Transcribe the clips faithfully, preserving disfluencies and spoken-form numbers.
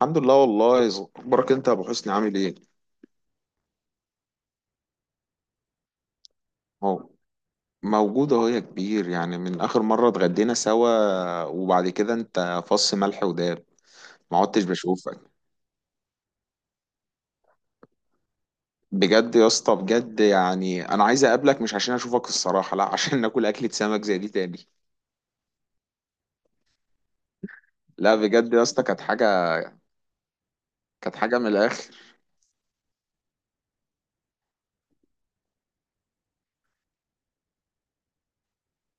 الحمد لله والله ز- اخبارك انت يا ابو حسني؟ عامل ايه؟ اهو موجود اهو يا كبير. يعني من اخر مره اتغدينا سوا وبعد كده انت فص ملح وداب، ما عدتش بشوفك. بجد يا اسطى، بجد، يعني انا عايز اقابلك، مش عشان اشوفك الصراحه، لا، عشان ناكل اكله سمك زي دي تاني. لا بجد يا اسطى، كانت حاجه، كانت حاجه من الاخر.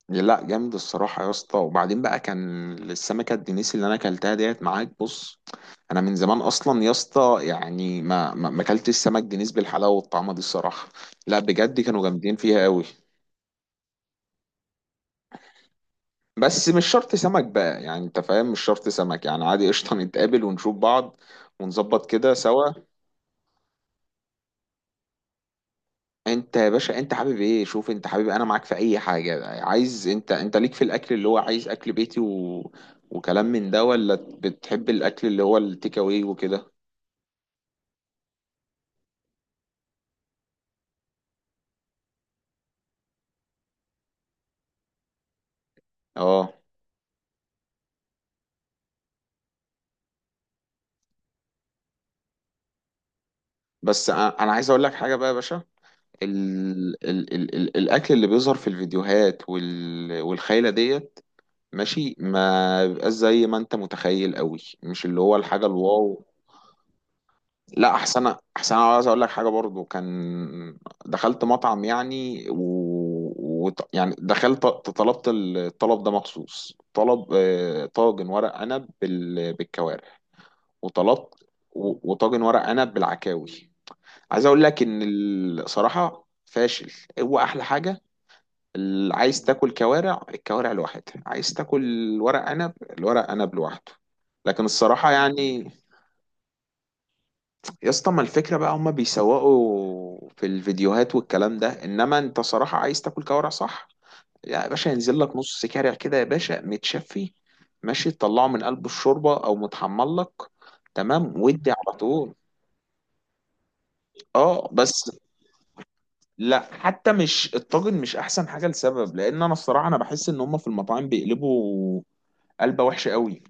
لا جامد الصراحة يا اسطى. وبعدين بقى كان السمكة الدنيسي اللي انا اكلتها ديت معاك، بص، انا من زمان اصلا يا اسطى، يعني ما ما ما اكلتش سمك دنيس بالحلاوة والطعمة دي الصراحة. لا بجد كانوا جامدين فيها قوي. بس مش شرط سمك بقى، يعني انت فاهم، مش شرط سمك، يعني عادي قشطة نتقابل ونشوف بعض ونظبط كده سوا. انت يا باشا انت حابب ايه؟ شوف انت حابب، انا معاك في اي حاجه، عايز انت انت ليك في الاكل اللي هو عايز اكل بيتي و... وكلام من ده، ولا بتحب الاكل اللي هو التيك اواي وكده؟ اه. بس انا انا عايز اقول لك حاجه بقى يا باشا. ال... ال... ال... ال... الاكل اللي بيظهر في الفيديوهات وال... والخيله ديت ماشي، ما بيبقاش زي ما انت متخيل قوي، مش اللي هو الحاجه الواو. لا، احسن احسن انا عايز اقول لك حاجه برضو، كان دخلت مطعم يعني و... و... يعني دخلت طلبت الطلب ده مخصوص، طلب آه، طاجن ورق عنب بال... بالكوارع، وطلبت و... وطاجن ورق عنب بالعكاوي. عايز اقول لك ان الصراحه فاشل. هو احلى حاجه، اللي عايز تاكل كوارع الكوارع لوحدها، عايز تاكل ورق عنب الورق عنب لوحده، لكن الصراحه يعني. يا اسطى، ما الفكرة بقى، هما بيسوقوا في الفيديوهات والكلام ده، انما انت صراحة عايز تاكل كوارع صح؟ يا باشا ينزل لك نص كارع كده يا باشا متشفي، ماشي، تطلعه من قلب الشوربة او متحمر لك، تمام، ودي على طول. اه بس لا حتى مش الطاجن، مش احسن حاجة لسبب، لان انا الصراحة انا بحس ان هما في المطاعم بيقلبوا قلبة وحشة قوي.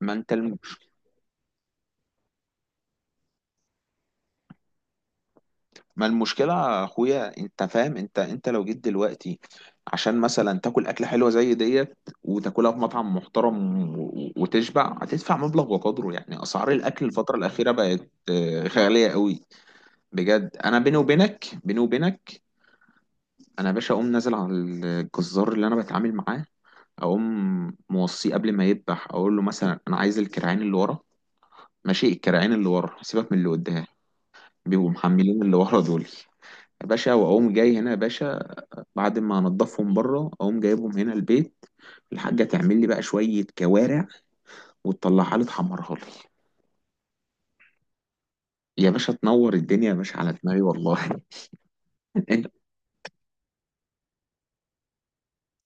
ما انت الم... ما المشكلة يا اخويا؟ انت فاهم، انت انت لو جيت دلوقتي عشان مثلا تاكل اكلة حلوة زي ديت وتاكلها في مطعم محترم و- وتشبع، هتدفع مبلغ وقدره، يعني اسعار الاكل الفترة الاخيرة بقت آه، غالية قوي. بجد، انا بيني وبينك، بيني وبينك، انا يا باشا اقوم نازل على الجزار اللي انا بتعامل معاه، اقوم موصيه قبل ما يذبح، اقول له مثلا انا عايز الكرعين اللي ورا. ماشي، الكرعين اللي ورا، سيبك من اللي قدام، بيبقوا محملين اللي ورا دول. يا باشا واقوم جاي هنا يا باشا، بعد ما انضفهم بره اقوم جايبهم هنا البيت. الحاجه تعمل لي بقى شويه كوارع، وتطلعها لي، تحمرها لي. يا باشا تنور الدنيا يا باشا على دماغي والله.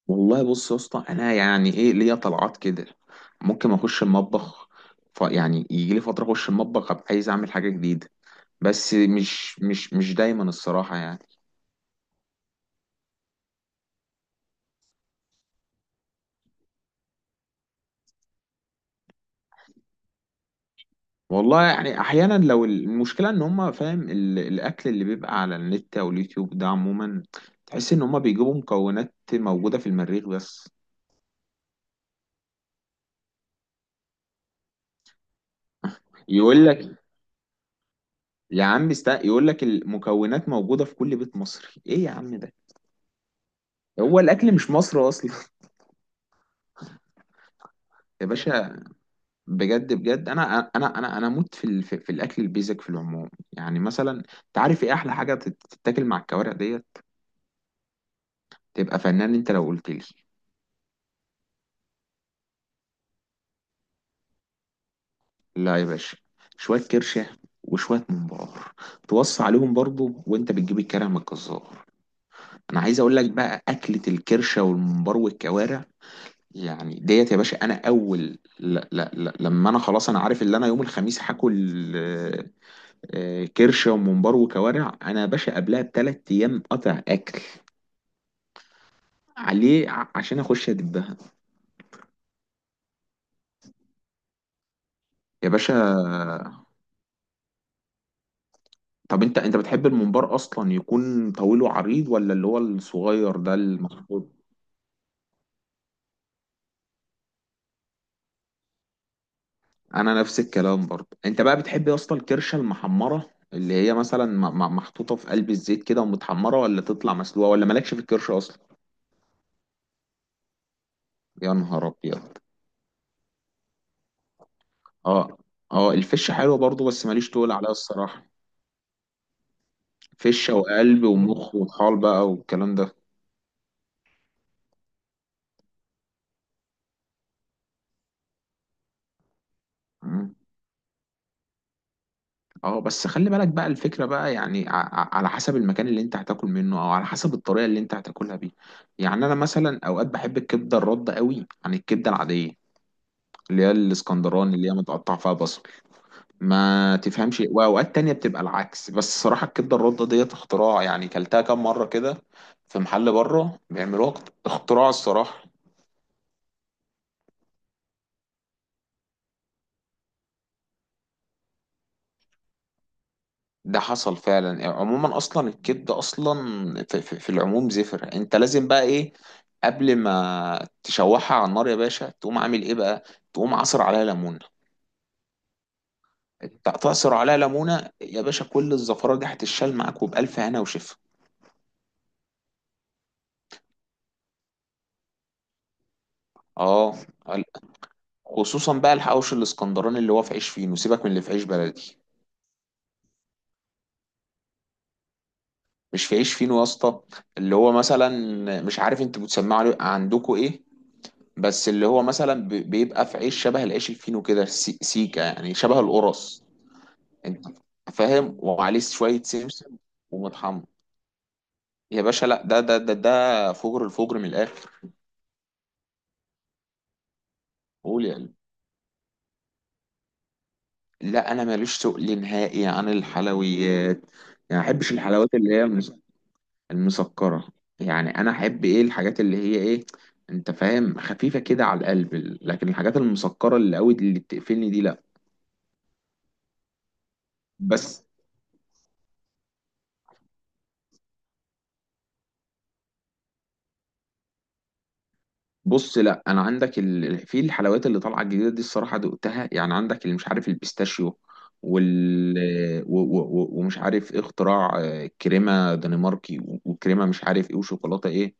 والله بص يا اسطى، انا يعني ايه ليا طلعات كده، ممكن اخش المطبخ، ف يعني يجي لي فتره اخش المطبخ ابقى عايز اعمل حاجه جديده، بس مش مش مش دايما الصراحه يعني. والله يعني احيانا، لو المشكله ان هم فاهم ال- الاكل اللي بيبقى على النت او اليوتيوب ده عموما، تحس ان هم بيجيبوا مكونات موجوده في المريخ بس. يقول لك، يا عم است... يقول لك المكونات موجوده في كل بيت مصري. ايه يا عم ده؟ هو الاكل مش مصر اصلا. يا باشا، بجد بجد، انا انا انا انا اموت في ال... في في الاكل البيزك في العموم. يعني مثلا انت عارف ايه احلى حاجه تت- تتاكل مع الكوارع ديت؟ تبقى فنان انت لو قلت لي. لا يا باشا، شوية كرشة وشوية ممبار، توصي عليهم برضو وانت بتجيب الكرع من الجزار. انا عايز اقول لك بقى، اكلة الكرشة والممبار والكوارع، يعني ديت يا باشا. انا اول لا لا لا لما انا خلاص انا عارف ان انا يوم الخميس هاكل آه، آه، كرشة وممبار وكوارع، انا يا باشا قبلها بثلاث ايام قطع اكل عليه ع- عشان اخش ادبها. يا باشا طب انت انت بتحب الممبار اصلا يكون طويل وعريض، ولا اللي هو الصغير ده المخطوط؟ انا نفس الكلام برضه. انت بقى بتحب يا اسطى الكرشه المحمره، اللي هي مثلا م- م- محطوطه في قلب الزيت كده ومتحمره، ولا تطلع مسلوقه، ولا مالكش في الكرشه اصلا؟ يا نهار ابيض. اه، اه الفشه حلوه برضه، بس ماليش تقول عليها الصراحه. فشه وقلب ومخ وطحال بقى والكلام ده. مم. اه بس خلي بالك بقى، الفكره بقى يعني ع- ع- على حسب المكان اللي انت هتاكل منه، او على حسب الطريقه اللي انت هتاكلها بيها. يعني انا مثلا اوقات بحب الكبده الرده قوي عن الكبده العاديه، اللي هي الاسكندراني اللي هي متقطع فيها بصل، ما تفهمش. واوقات تانية بتبقى العكس، بس الصراحة الكبدة الرده ديت اختراع، يعني كلتها كام مرة كده في محل بره بيعملوها، اخت- اختراع الصراحة. ده حصل فعلا. يعني عموما، اصلا الكبدة اصلا في, في, في العموم زفر، انت لازم بقى ايه قبل ما تشوحها على النار يا باشا؟ تقوم عامل ايه بقى؟ تقوم عصر عليها ليمونة، ت- تعصر عليها ليمونة يا باشا، كل الزفرة دي هتتشال معاك، وبألف هنا وشفا. اه، خصوصا بقى الحواوشي الاسكندراني، اللي هو في عيش فينو، سيبك من اللي في عيش بلدي. مش في عيش فينو يا اسطى، اللي هو مثلا، مش عارف انتوا بتسمعوا عليه، عندكم ايه، بس اللي هو مثلا ب- بيبقى في عيش شبه العيش الفينو كده، سي- سيكا، يعني شبه القرص، انت فاهم، وعليه شوية سمسم ومطحمر. يا باشا لا، ده ده ده ده فجر الفجر من الاخر. قول يا قلبي. لا انا ماليش تقل نهائي عن الحلويات، يعني ما احبش الحلويات اللي هي المسكرة. يعني أنا أحب إيه؟ الحاجات اللي هي إيه، أنت فاهم، خفيفة كده على القلب. لكن الحاجات المسكرة اللي قوي دي اللي بتقفلني دي لأ. بس بص، لأ، أنا عندك ال... في الحلويات اللي طالعة الجديدة دي، الصراحة دقتها، يعني عندك اللي مش عارف البيستاشيو وال و... و... و... ومش عارف إيه، اختراع آه، كريمة دنماركي و- وكريمة مش عارف إيه، وشوكولاتة إيه.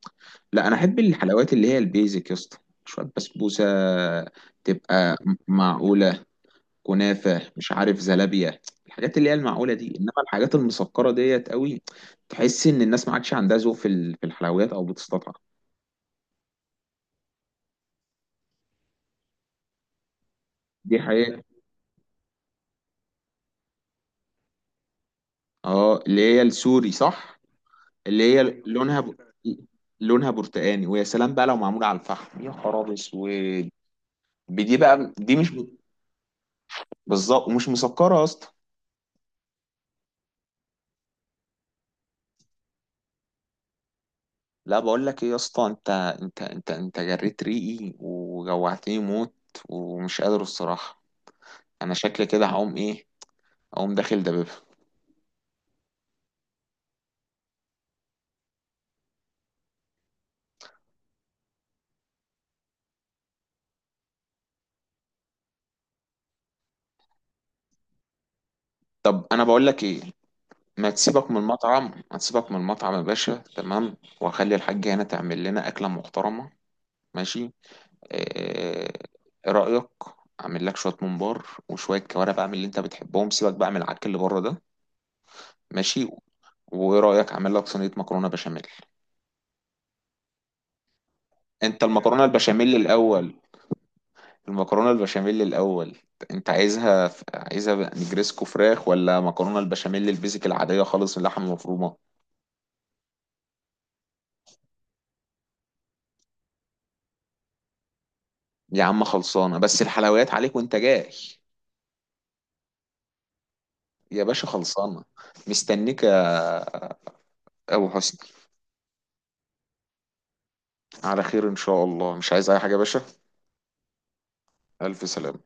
لا انا احب الحلويات اللي هي البيزك يا اسطى، شويه بسبوسه، تبقى م- معقوله، كنافه، مش عارف زلابيه، الحاجات اللي هي المعقوله دي. انما الحاجات المسكره ديت قوي، تحس ان الناس ما عادش عندها ذوق في ال- في الحلويات، او بتستطعم. دي حقيقه. اه، اللي هي السوري صح، اللي هي لونها ب... لونها برتقاني، ويا سلام بقى لو معموله على الفحم يا خراب اسود. دي بقى دي مش، بالظبط، ومش مسكره يا اسطى. لا بقول لك ايه يا اسطى، انت انت انت انت جريت ريقي وجوعتني موت، ومش قادر الصراحه. انا شكلي كده هقوم ايه، اقوم داخل دبابة. طب انا بقول لك ايه، ما تسيبك من المطعم، ما تسيبك من المطعم يا باشا، تمام، واخلي الحاجة هنا تعمل لنا اكلة محترمة، ماشي؟ آه، ايه رأيك اعمل لك شوية ممبار وشوية كوارع بقى من اللي انت بتحبهم، سيبك بقى من العك اللي بره ده، ماشي؟ وايه رأيك اعمل لك صينية مكرونة بشاميل؟ انت المكرونة البشاميل الاول، المكرونة البشاميل الاول. انت عايزها، عايزها نجريسكو فراخ، ولا مكرونة البشاميل البيزك العادية خالص اللحمة المفرومة؟ يا عم خلصانة، بس الحلويات عليك وانت جاي. يا باشا خلصانة. مستنيك يا أبو حسني. على خير إن شاء الله، مش عايز أي حاجة يا باشا. ألف سلامة.